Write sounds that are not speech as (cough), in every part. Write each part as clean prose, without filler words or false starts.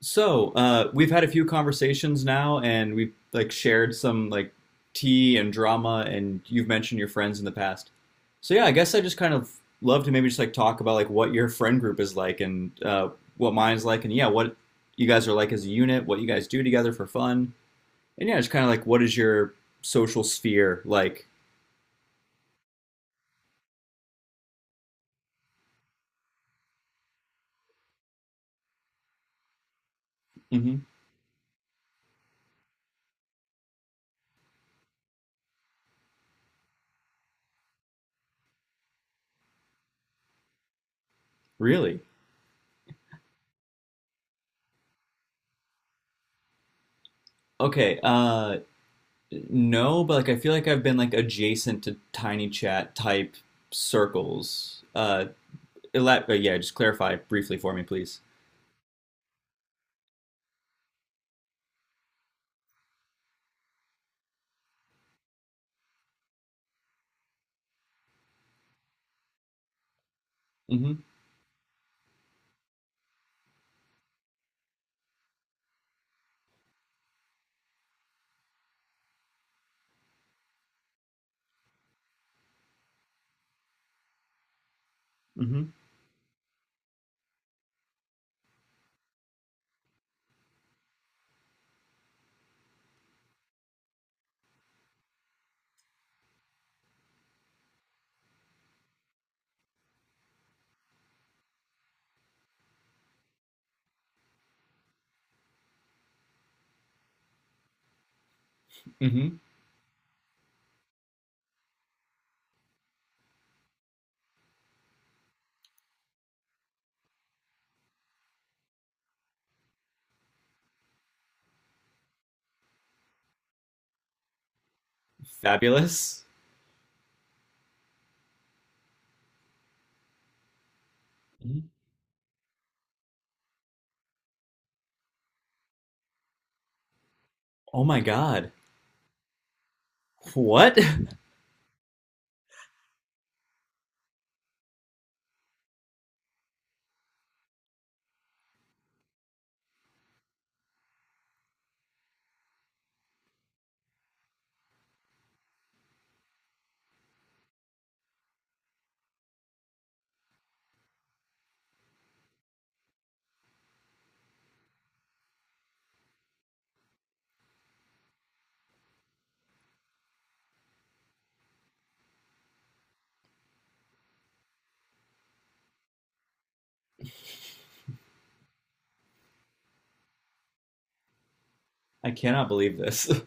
So we've had a few conversations now, and we've like shared some like tea and drama, and you've mentioned your friends in the past. So yeah, I guess I just kind of love to maybe just like talk about like what your friend group is like and what mine's like, and yeah, what you guys are like as a unit, what you guys do together for fun, and yeah, just kind of like what is your social sphere like? Hmm. Really? Okay. No, but like I feel like I've been like adjacent to tiny chat type circles. Yeah, just clarify briefly for me, please. Mm-hmm. Mm-hmm. Mm-hmm. Fabulous. Mhm. Oh my God. What? (laughs) I cannot believe this. (laughs)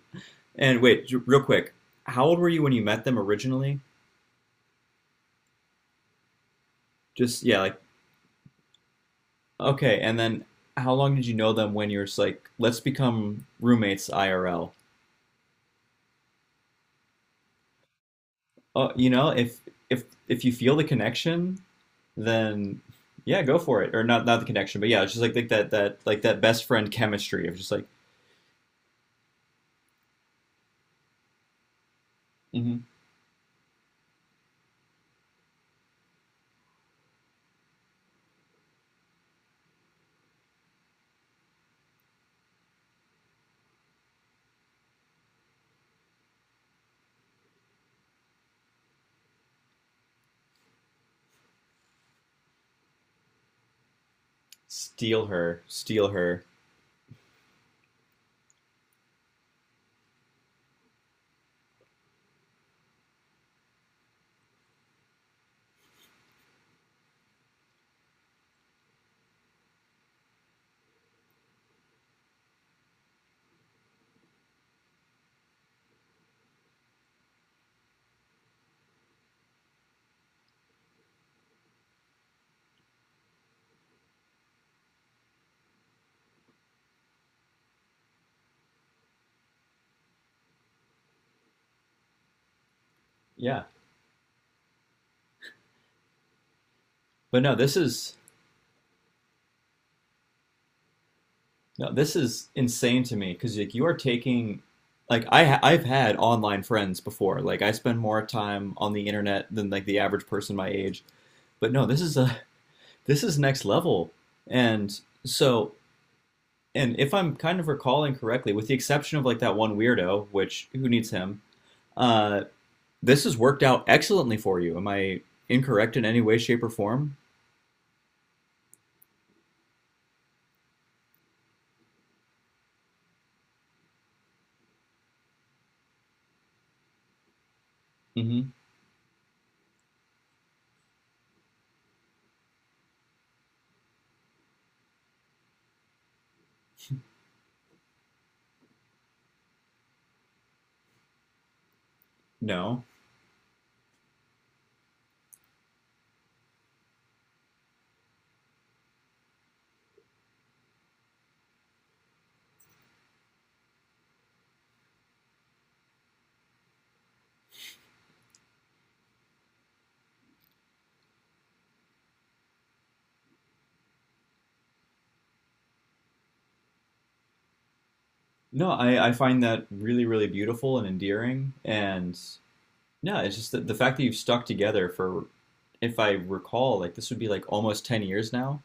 And wait, real quick. How old were you when you met them originally? Just, yeah, like, okay. And then how long did you know them when you were just like, let's become roommates IRL? You know, if you feel the connection, then yeah, go for it. Or not the connection, but yeah, it's just like that like that best friend chemistry of just like, mm-hmm. Steal her, steal her. Yeah. But no, this is No, this is insane to me because like you are taking like I've had online friends before. Like I spend more time on the internet than like the average person my age. But no, this is next level. And so and if I'm kind of recalling correctly, with the exception of like that one weirdo, which who needs him, uh, this has worked out excellently for you. Am I incorrect in any way, shape, or form? Mm-hmm. No. No, I find that really, really beautiful and endearing. And no, it's just that the fact that you've stuck together for, if I recall, like this would be like almost 10 years now.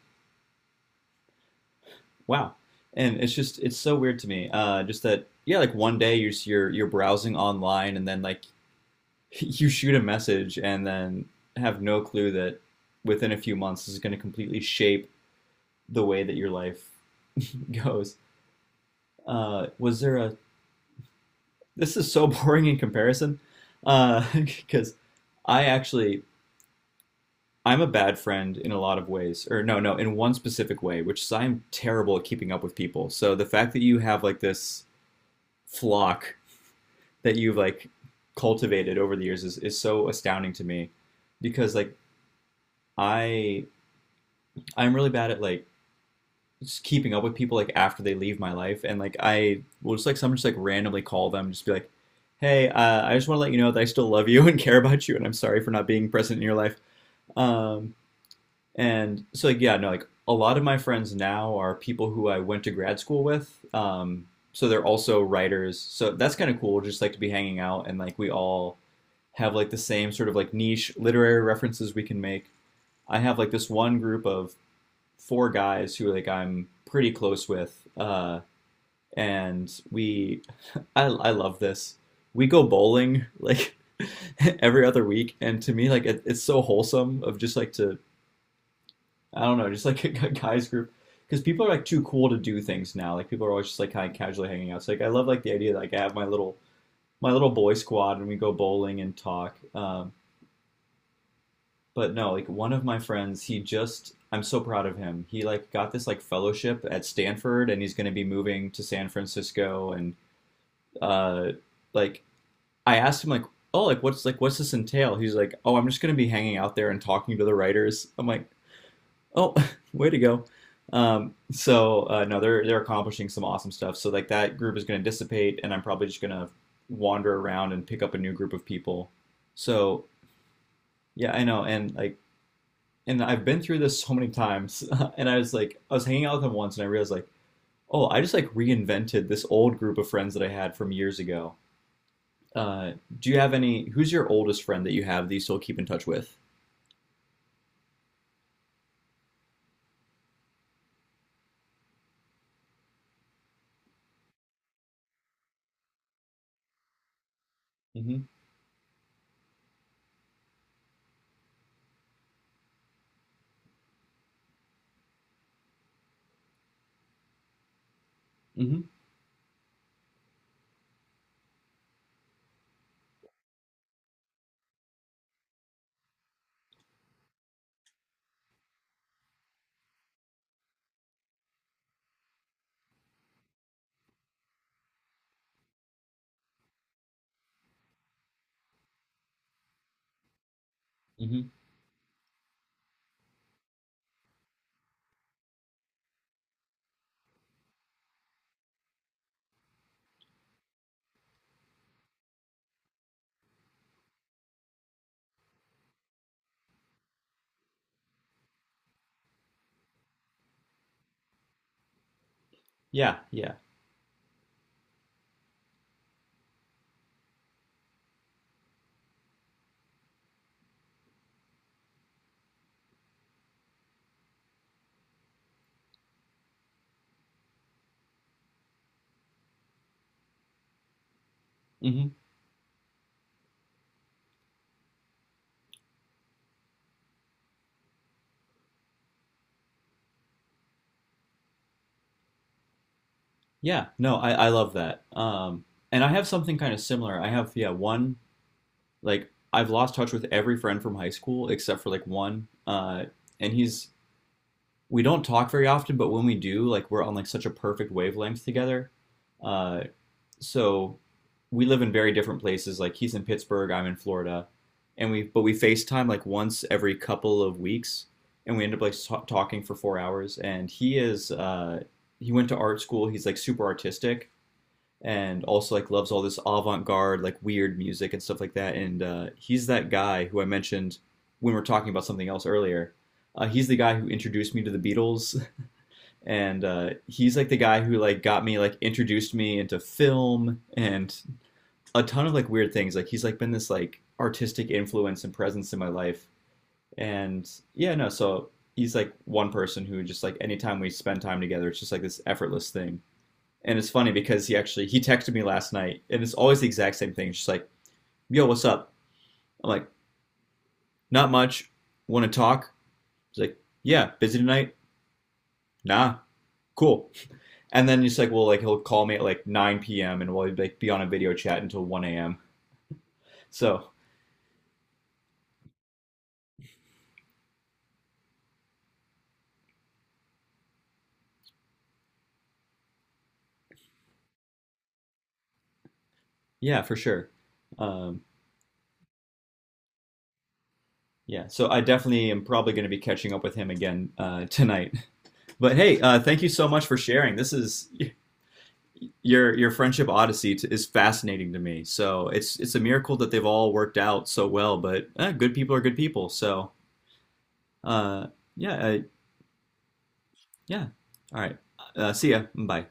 Wow. And it's just, it's so weird to me. Just that, yeah, like one day you're browsing online and then like (laughs) you shoot a message and then have no clue that within a few months this is going to completely shape the way that your life (laughs) goes. Uh, was there a, This is so (laughs) boring in comparison, (laughs) because I actually I'm a bad friend in a lot of ways, or no, no, in one specific way, which is I'm terrible at keeping up with people. So the fact that you have like this flock that you've like cultivated over the years is so astounding to me because like I I'm really bad at like just keeping up with people like after they leave my life and like I will just like someone just like randomly call them just be like hey, I just want to let you know that I still love you (laughs) and care about you and I'm sorry for not being present in your life. um and so like yeah no like a lot of my friends now are people who I went to grad school with, so they're also writers so that's kind of cool just like to be hanging out and like we all have like the same sort of like niche literary references we can make. I have like this one group of four guys who like I'm pretty close with, and we I love this. We go bowling like (laughs) every other week, and to me like it's so wholesome of just like to I don't know just like (laughs) a guys group because people are like too cool to do things now. Like people are always just like kind of casually hanging out. So like I love like the idea that like I have my little boy squad and we go bowling and talk. But no, like one of my friends, he just I'm so proud of him. He like got this like fellowship at Stanford and he's going to be moving to San Francisco and uh like I asked him like, "Oh, like what's this entail?" He's like, "Oh, I'm just going to be hanging out there and talking to the writers." I'm like, "Oh, (laughs) way to go." No, they're accomplishing some awesome stuff. So like that group is going to dissipate and I'm probably just going to wander around and pick up a new group of people. So, yeah, I know and like and I've been through this so many times. (laughs) And I was hanging out with them once, and I realized like, oh, I just like reinvented this old group of friends that I had from years ago. Uh, do you have any? Who's your oldest friend that you have that you still keep in touch with? Mm-hmm. Mm-hmm. Mm-hmm. Yeah. Yeah. Mm-hmm. Yeah, no, I love that. And I have something kind of similar. I have, yeah, one, like, I've lost touch with every friend from high school except for like one. And we don't talk very often, but when we do, like, we're on like such a perfect wavelength together. Uh, so we live in very different places. Like, he's in Pittsburgh, I'm in Florida. But we FaceTime like once every couple of weeks. And we end up like talking for 4 hours. And he is, he went to art school. He's like super artistic and also like loves all this avant-garde like weird music and stuff like that, and he's that guy who I mentioned when we are talking about something else earlier. He's the guy who introduced me to the Beatles, and he's like the guy who like got me like introduced me into film and a ton of like weird things. Like he's like been this like artistic influence and presence in my life. And yeah no so he's like one person who just like anytime we spend time together it's just like this effortless thing. And it's funny because he texted me last night, and it's always the exact same thing. It's just like, "Yo, what's up?" I'm like, "Not much. Want to talk?" He's like, "Yeah, busy tonight." Nah, cool. And then he's like, "Well, like he'll call me at like 9 p.m. and we'll like be on a video chat until 1 a.m." So yeah, for sure. Um, yeah, so I definitely am probably going to be catching up with him again, tonight. (laughs) But hey, thank you so much for sharing. This is your friendship odyssey is fascinating to me. So it's a miracle that they've all worked out so well. But eh, good people are good people. So uh, yeah, uh, yeah. All right. See ya. Bye.